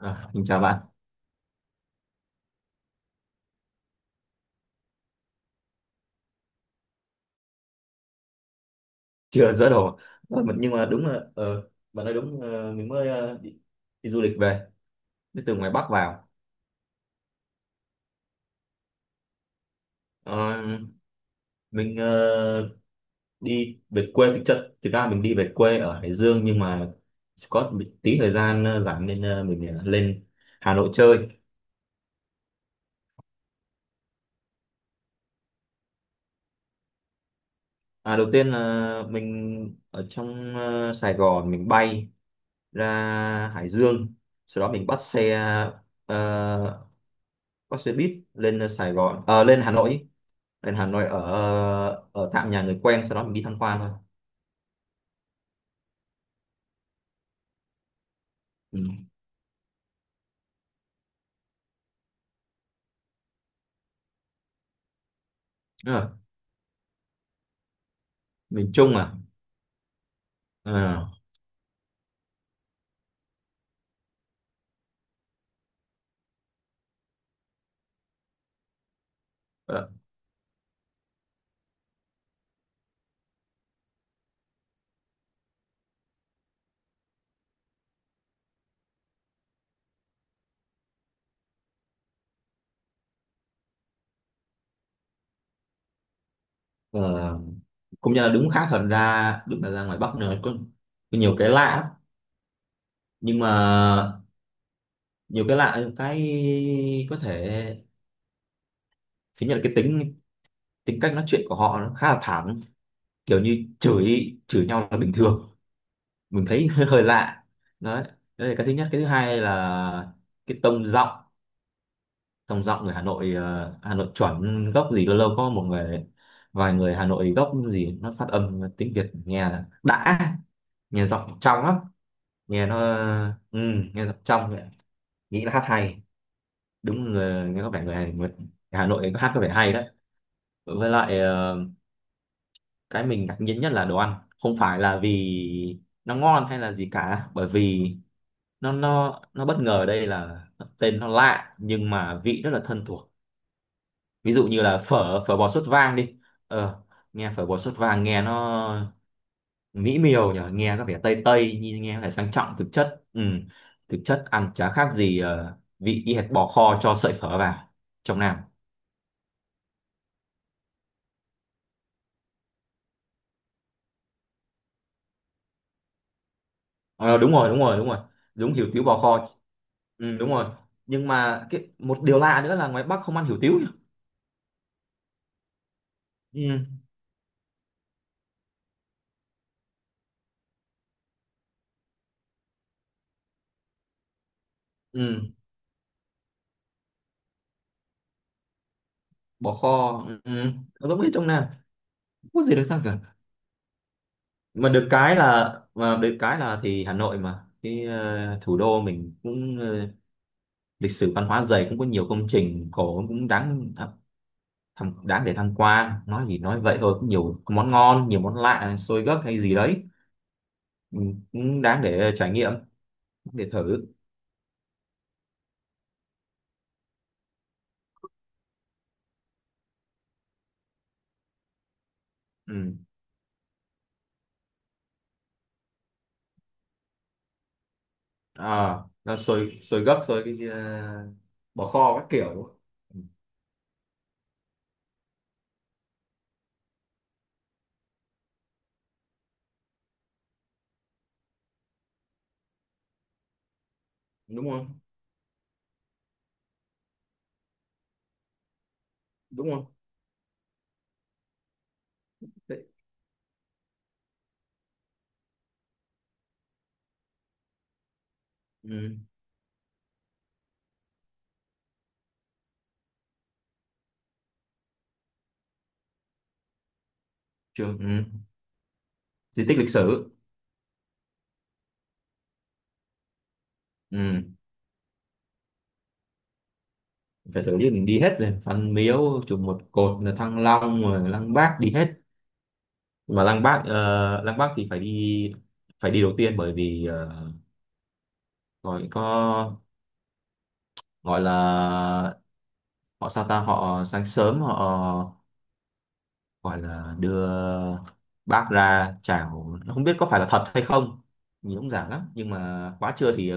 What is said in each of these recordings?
À, mình chào bạn. Chưa dỡ đồ. Nhưng mà đúng là, bạn nói đúng, mình mới đi du lịch về, đi từ ngoài Bắc vào. Ờ, mình đi về quê, thực ra mình đi về quê ở Hải Dương, nhưng mà có một tí thời gian rảnh, nên mình lên Hà Nội chơi. À, đầu tiên là mình ở trong Sài Gòn, mình bay ra Hải Dương, sau đó mình ờ, bắt xe buýt, lên Sài Gòn ờ, lên Hà Nội, ở ở tạm nhà người quen, sau đó mình đi tham quan thôi. Ừ. Đúng rồi. Miền Trung à? Ờ, ờ, ờ. Cũng như là đúng, khác, thật ra đúng là ra ngoài Bắc nữa có nhiều cái lạ lắm. Nhưng mà nhiều cái lạ, cái có thể thứ nhất là cái tính tính cách nói chuyện của họ nó khá là thẳng, kiểu như chửi chửi nhau là bình thường, mình thấy hơi, lạ đấy. Đấy là cái thứ nhất. Cái thứ hai là cái tông giọng. Tông giọng người Hà Nội, Hà Nội chuẩn gốc gì, lâu lâu có một người vài người Hà Nội gốc gì, nó phát âm tiếng Việt nghe là đã nghe giọng trong lắm. nghe nó ừ, Nghe giọng trong vậy. Nghĩ là hát hay đúng, người nghe có vẻ người Hà Nội hát có vẻ hay đấy. Với lại cái mình ngạc nhiên nhất là đồ ăn, không phải là vì nó ngon hay là gì cả, bởi vì nó bất ngờ ở đây là tên nó lạ nhưng mà vị rất là thân thuộc. Ví dụ như là phở phở bò sốt vang đi. ờ nghe phở bò sốt vang nghe nó mỹ miều nhỉ, nghe có vẻ tây tây, nhìn nghe có vẻ sang trọng, thực chất, ừ, thực chất ăn chả khác gì vị y hệt bò kho cho sợi phở vào trong Nam. Ờ, Đúng rồi, đúng rồi, đúng rồi, đúng, hủ tiếu bò kho. Ừ, đúng rồi. Nhưng mà một điều lạ nữa là ngoài Bắc không ăn hủ tiếu nhỉ? Ừ, ừ. Bò kho. Ừ. Ừ. Nó giống như trong Nam, không có gì được sang cả, mà được cái là, thì Hà Nội mà, thủ đô mình cũng, lịch sử văn hóa dày, cũng có nhiều công trình cổ, cũng đáng để tham quan. Nói gì nói vậy thôi, cũng nhiều món ngon, nhiều món lạ, xôi gấc hay gì đấy, ừ, cũng đáng để trải nghiệm, để thử. Ừ. À, nó xôi, xôi gấc, xôi bò kho các kiểu. Ừ, đúng không? Đúng không? Đấy. Ừ. Trường, ừ. Di tích lịch sử. Ừ. Phải tổ chức đi hết rồi, Văn Miếu, chùa Một Cột, là Thăng Long rồi Lăng Bác đi hết. Mà Lăng Bác thì phải đi, phải đi đầu tiên, bởi vì gọi có gọi là họ sao ta, họ sáng sớm họ gọi là đưa bác ra chào, không biết có phải là thật hay không, nhìn cũng giả lắm. Nhưng mà quá trưa thì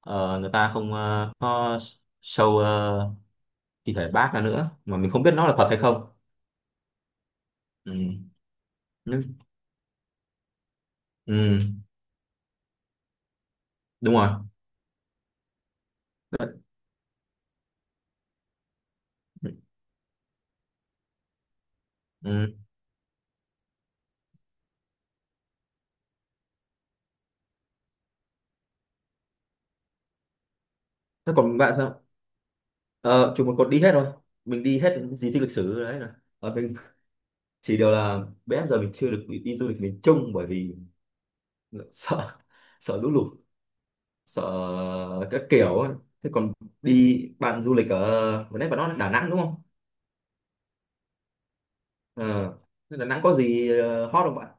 người ta không có show thi thể bác ra nữa, mà mình không biết nó là thật hay không. Ừ. Nhưng- ừ. Đúng rồi. Đấy. Ừ. Thế còn bạn sao? Ờ, Chụp một cột đi hết rồi, mình đi hết di tích lịch sử đấy là, mình chỉ điều là bé giờ mình chưa được đi du lịch miền Trung, bởi vì sợ, lũ lụt, sợ các kiểu ấy. Thế còn bạn du lịch ở, vừa nãy bạn nói là Đà Nẵng đúng không? Ờ. Thế Đà Nẵng có gì hot không bạn?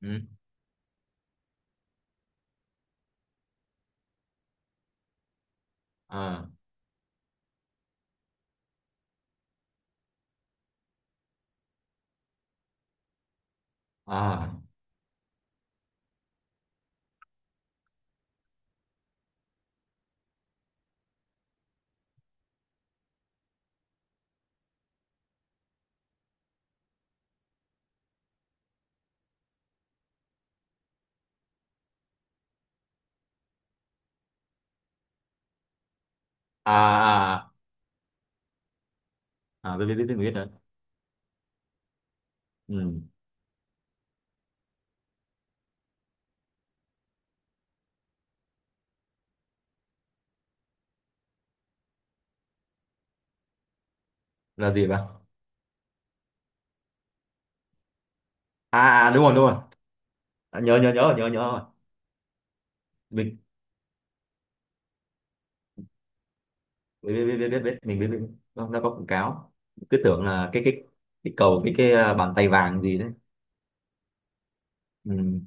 Ừ. à à à à Biết biết biết biết, mình biết rồi. Ừ. Là gì bạn? À. À, đúng rồi, đúng rồi. À, nhớ nhớ nhớ nhớ nhớ rồi. Mình biết biết biết biết biết biết. Mình biết, biết. Nó có quảng cáo. Cứ tưởng là cái cầu với bàn tay vàng gì đấy. Ừ.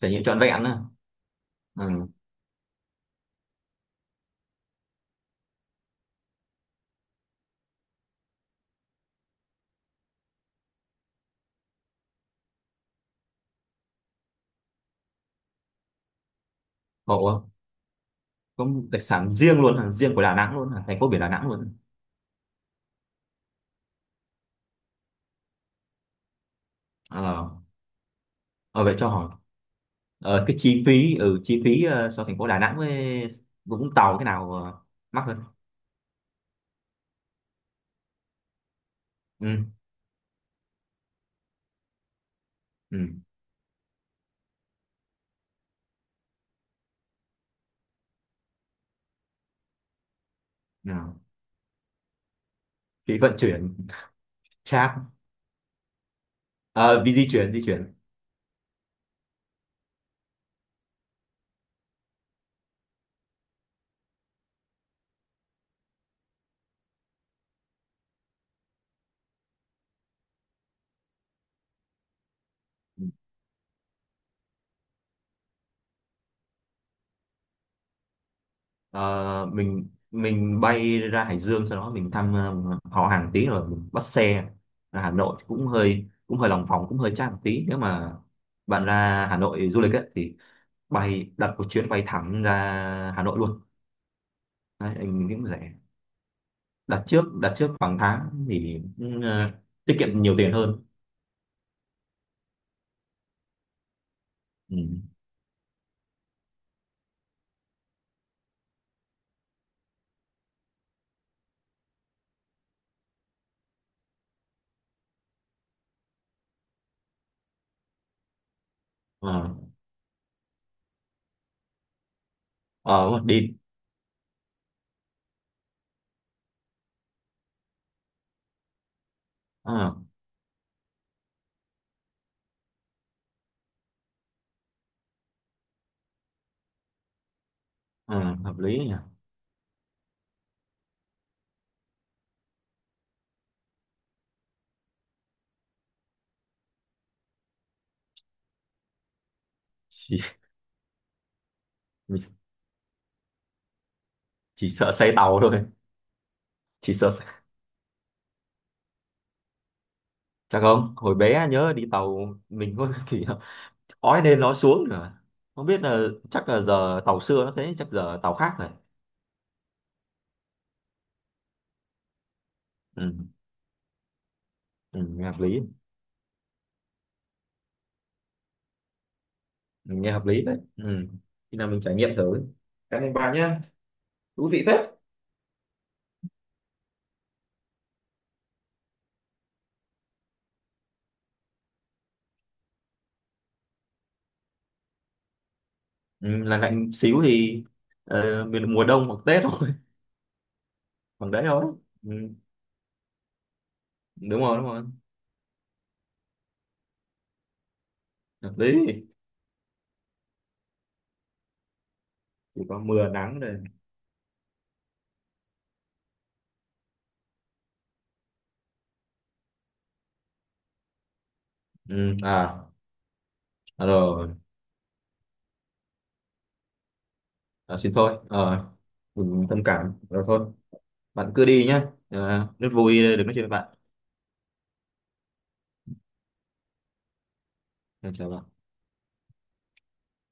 Trải nghiệm trọn vẹn à. Ừ. Ngộ không? Có một đặc sản riêng luôn à, riêng của Đà Nẵng luôn à, thành phố biển Đà Nẵng luôn. Ờ. Ờ, Vậy cho hỏi, cái chi phí ở ừ, chi phí, so thành phố Đà Nẵng với Vũng Tàu cái nào mắc hơn? Ừ. Ừ. Nào? Phí vận chuyển. Chắc. Ờ, Vì di chuyển, Ờ, mình bay ra Hải Dương, sau đó mình thăm họ hàng tí, rồi mình bắt xe ra Hà Nội cũng hơi, lòng vòng, cũng hơi chát một tí. Nếu mà bạn ra Hà Nội du lịch ấy, thì bay đặt một chuyến bay thẳng ra Hà Nội luôn. Đấy, anh nghĩ cũng rẻ. Đặt trước, đặt trước khoảng tháng thì cũng, tiết kiệm nhiều tiền hơn. Ừ. Ờ. Ờ, đúng rồi, đi. Ờ. Ờ, hợp lý nhỉ. chỉ, mình chỉ sợ say tàu thôi. chỉ sợ say- Chắc không, hồi bé nhớ đi tàu mình có kỷ niệm ói lên nói xuống nữa, không biết là, chắc là giờ tàu xưa nó thế, chắc giờ tàu khác này. Ừ. Ừ, nghe hợp lý. Ừ, nghe hợp lý đấy. Ừ. Khi nào mình trải nghiệm thử. Cảm ơn bà nhá. Thú vị phết. Ừ, là lạnh xíu thì miền mùa đông hoặc Tết thôi. Bằng đấy thôi. Ừ. Đúng rồi, đúng rồi. Hợp lý. Chỉ có mưa nắng rồi. Ừ. À. À rồi. À, xin thôi. Ờ, mình thông cảm, rồi thôi, bạn cứ đi nhá, à, rất vui được nói chuyện với bạn. Chào bạn.